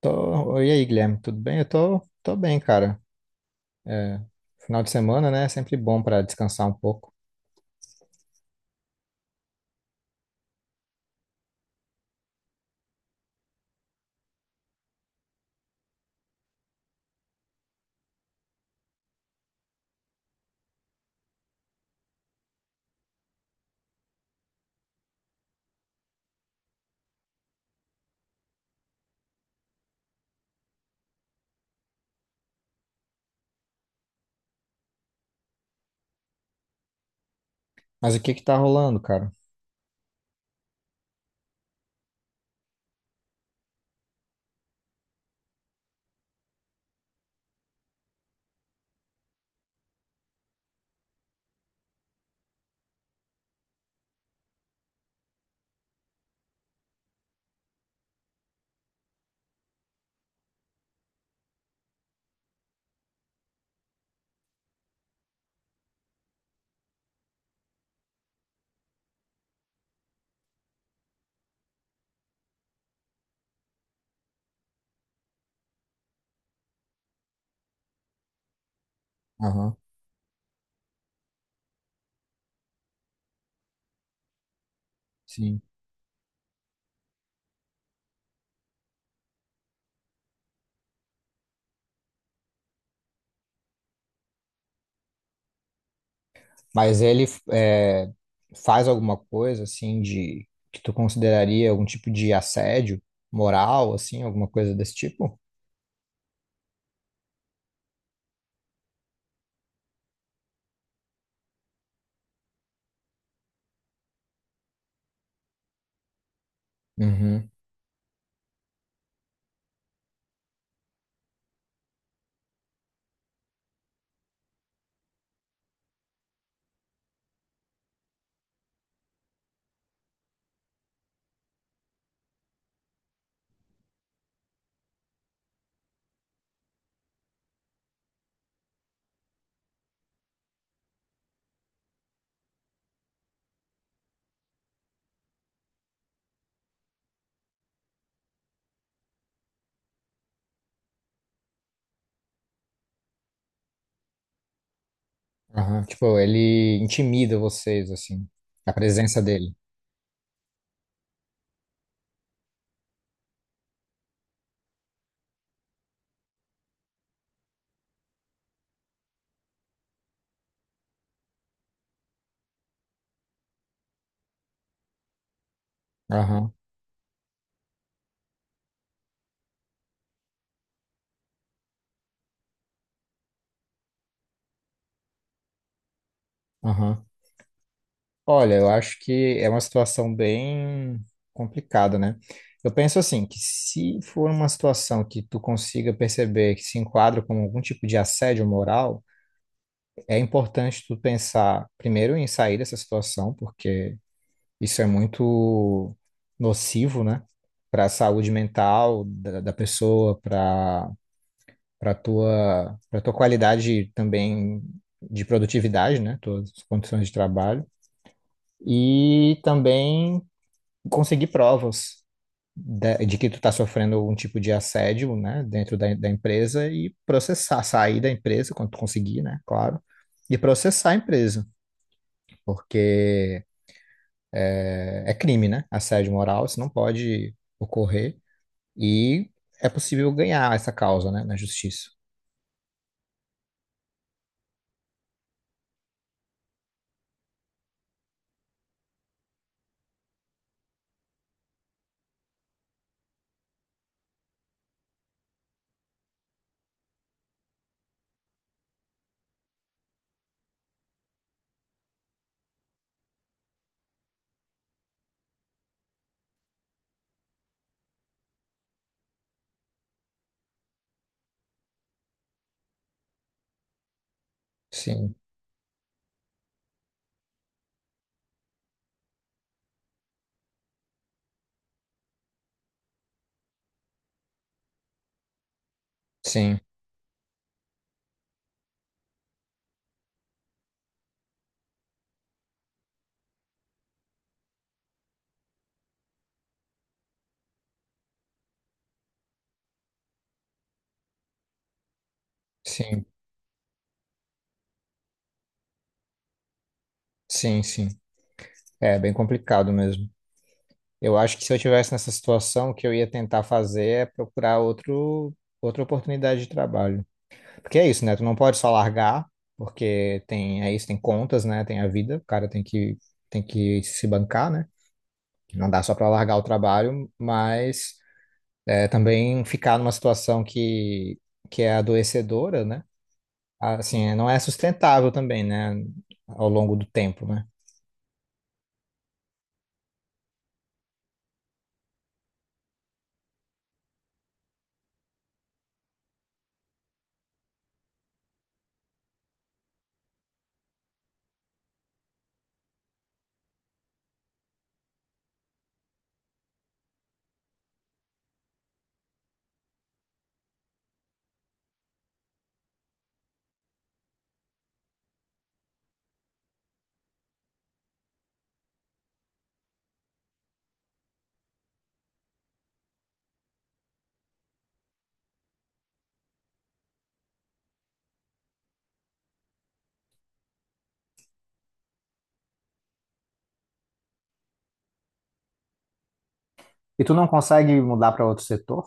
E aí, Guilherme, tudo bem? Eu tô bem, cara. É, final de semana, né? É sempre bom pra descansar um pouco. Mas o que que tá rolando, cara? Aham, sim. Mas ele é, faz alguma coisa, assim, de que tu consideraria algum tipo de assédio moral, assim, alguma coisa desse tipo? Uhum. Aham. Tipo, ele intimida vocês, assim, a presença dele. Aham, aham. Olha, eu acho que é uma situação bem complicada, né? Eu penso assim, que se for uma situação que tu consiga perceber que se enquadra como algum tipo de assédio moral, é importante tu pensar primeiro em sair dessa situação, porque isso é muito nocivo, né? Para a saúde mental da pessoa, para para tua qualidade também de produtividade, né? Tuas condições de trabalho. E também conseguir provas de que tu tá sofrendo algum tipo de assédio, né, dentro da empresa e processar, sair da empresa quando tu conseguir, né, claro, e processar a empresa, porque é, é crime, né, assédio moral, isso não pode ocorrer e é possível ganhar essa causa, né, na justiça. Sim, sim, sim, sim, sim. É bem complicado mesmo. Eu acho que se eu tivesse nessa situação, o que eu ia tentar fazer é procurar outro, outra oportunidade de trabalho. Porque é isso, né? Tu não pode só largar, porque tem, é isso, tem contas, né? Tem a vida, o cara tem que se bancar, né? Não dá só para largar o trabalho, mas é, também ficar numa situação que é adoecedora, né? Assim, é, não é sustentável também, né? Ao longo do tempo, né? E tu não consegue mudar para outro setor?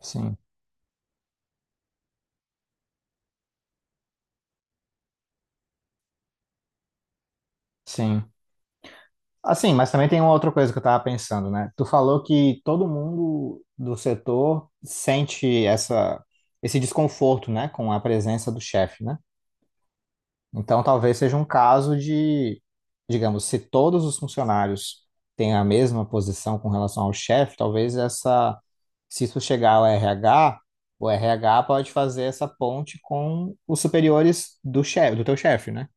Sim, sim. Assim, mas também tem uma outra coisa que eu tava pensando, né? Tu falou que todo mundo do setor sente essa, esse desconforto, né, com a presença do chefe, né? Então talvez seja um caso de, digamos, se todos os funcionários têm a mesma posição com relação ao chefe, talvez essa, se isso chegar ao RH, o RH pode fazer essa ponte com os superiores do chefe, do teu chefe, né?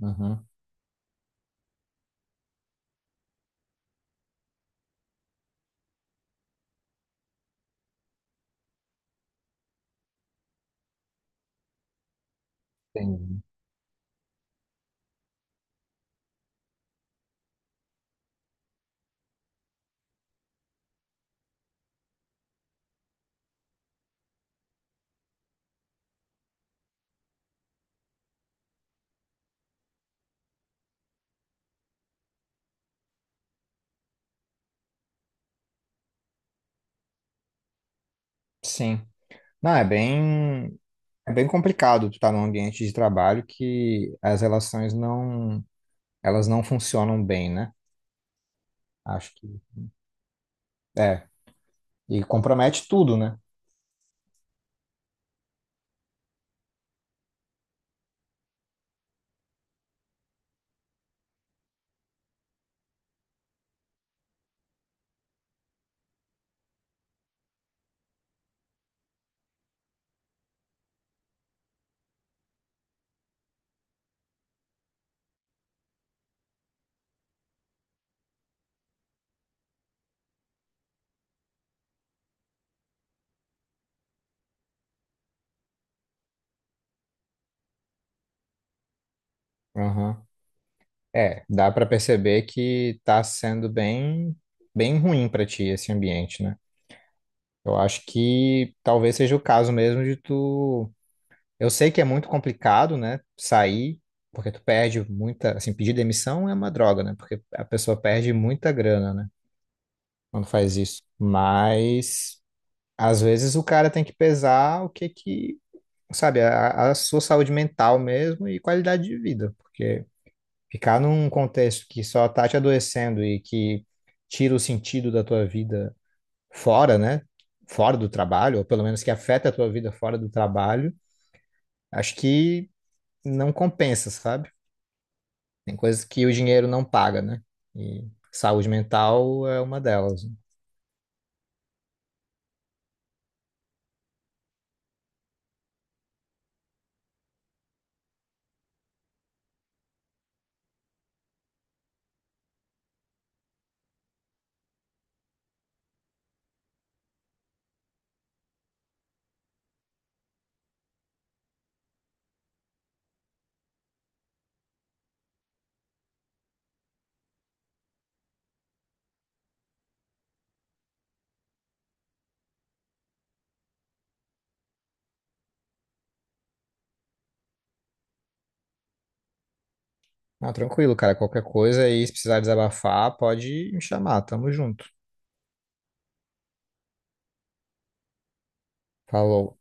Uhum. Entendi. Sim. Não, é bem. É bem complicado tu estar num ambiente de trabalho que as relações não, elas não funcionam bem, né? Acho que é. E compromete tudo, né? Aham. É, dá pra perceber que tá sendo bem, bem ruim pra ti esse ambiente, né? Eu acho que talvez seja o caso mesmo de tu. Eu sei que é muito complicado, né? Sair, porque tu perde muita. Assim, pedir demissão é uma droga, né? Porque a pessoa perde muita grana, né? Quando faz isso. Mas às vezes o cara tem que pesar o que que, sabe, a sua saúde mental mesmo e qualidade de vida, porque ficar num contexto que só tá te adoecendo e que tira o sentido da tua vida fora, né? Fora do trabalho, ou pelo menos que afeta a tua vida fora do trabalho, acho que não compensa, sabe? Tem coisas que o dinheiro não paga, né? E saúde mental é uma delas. Não, tranquilo, cara, qualquer coisa aí, se precisar desabafar, pode me chamar, tamo junto. Falou.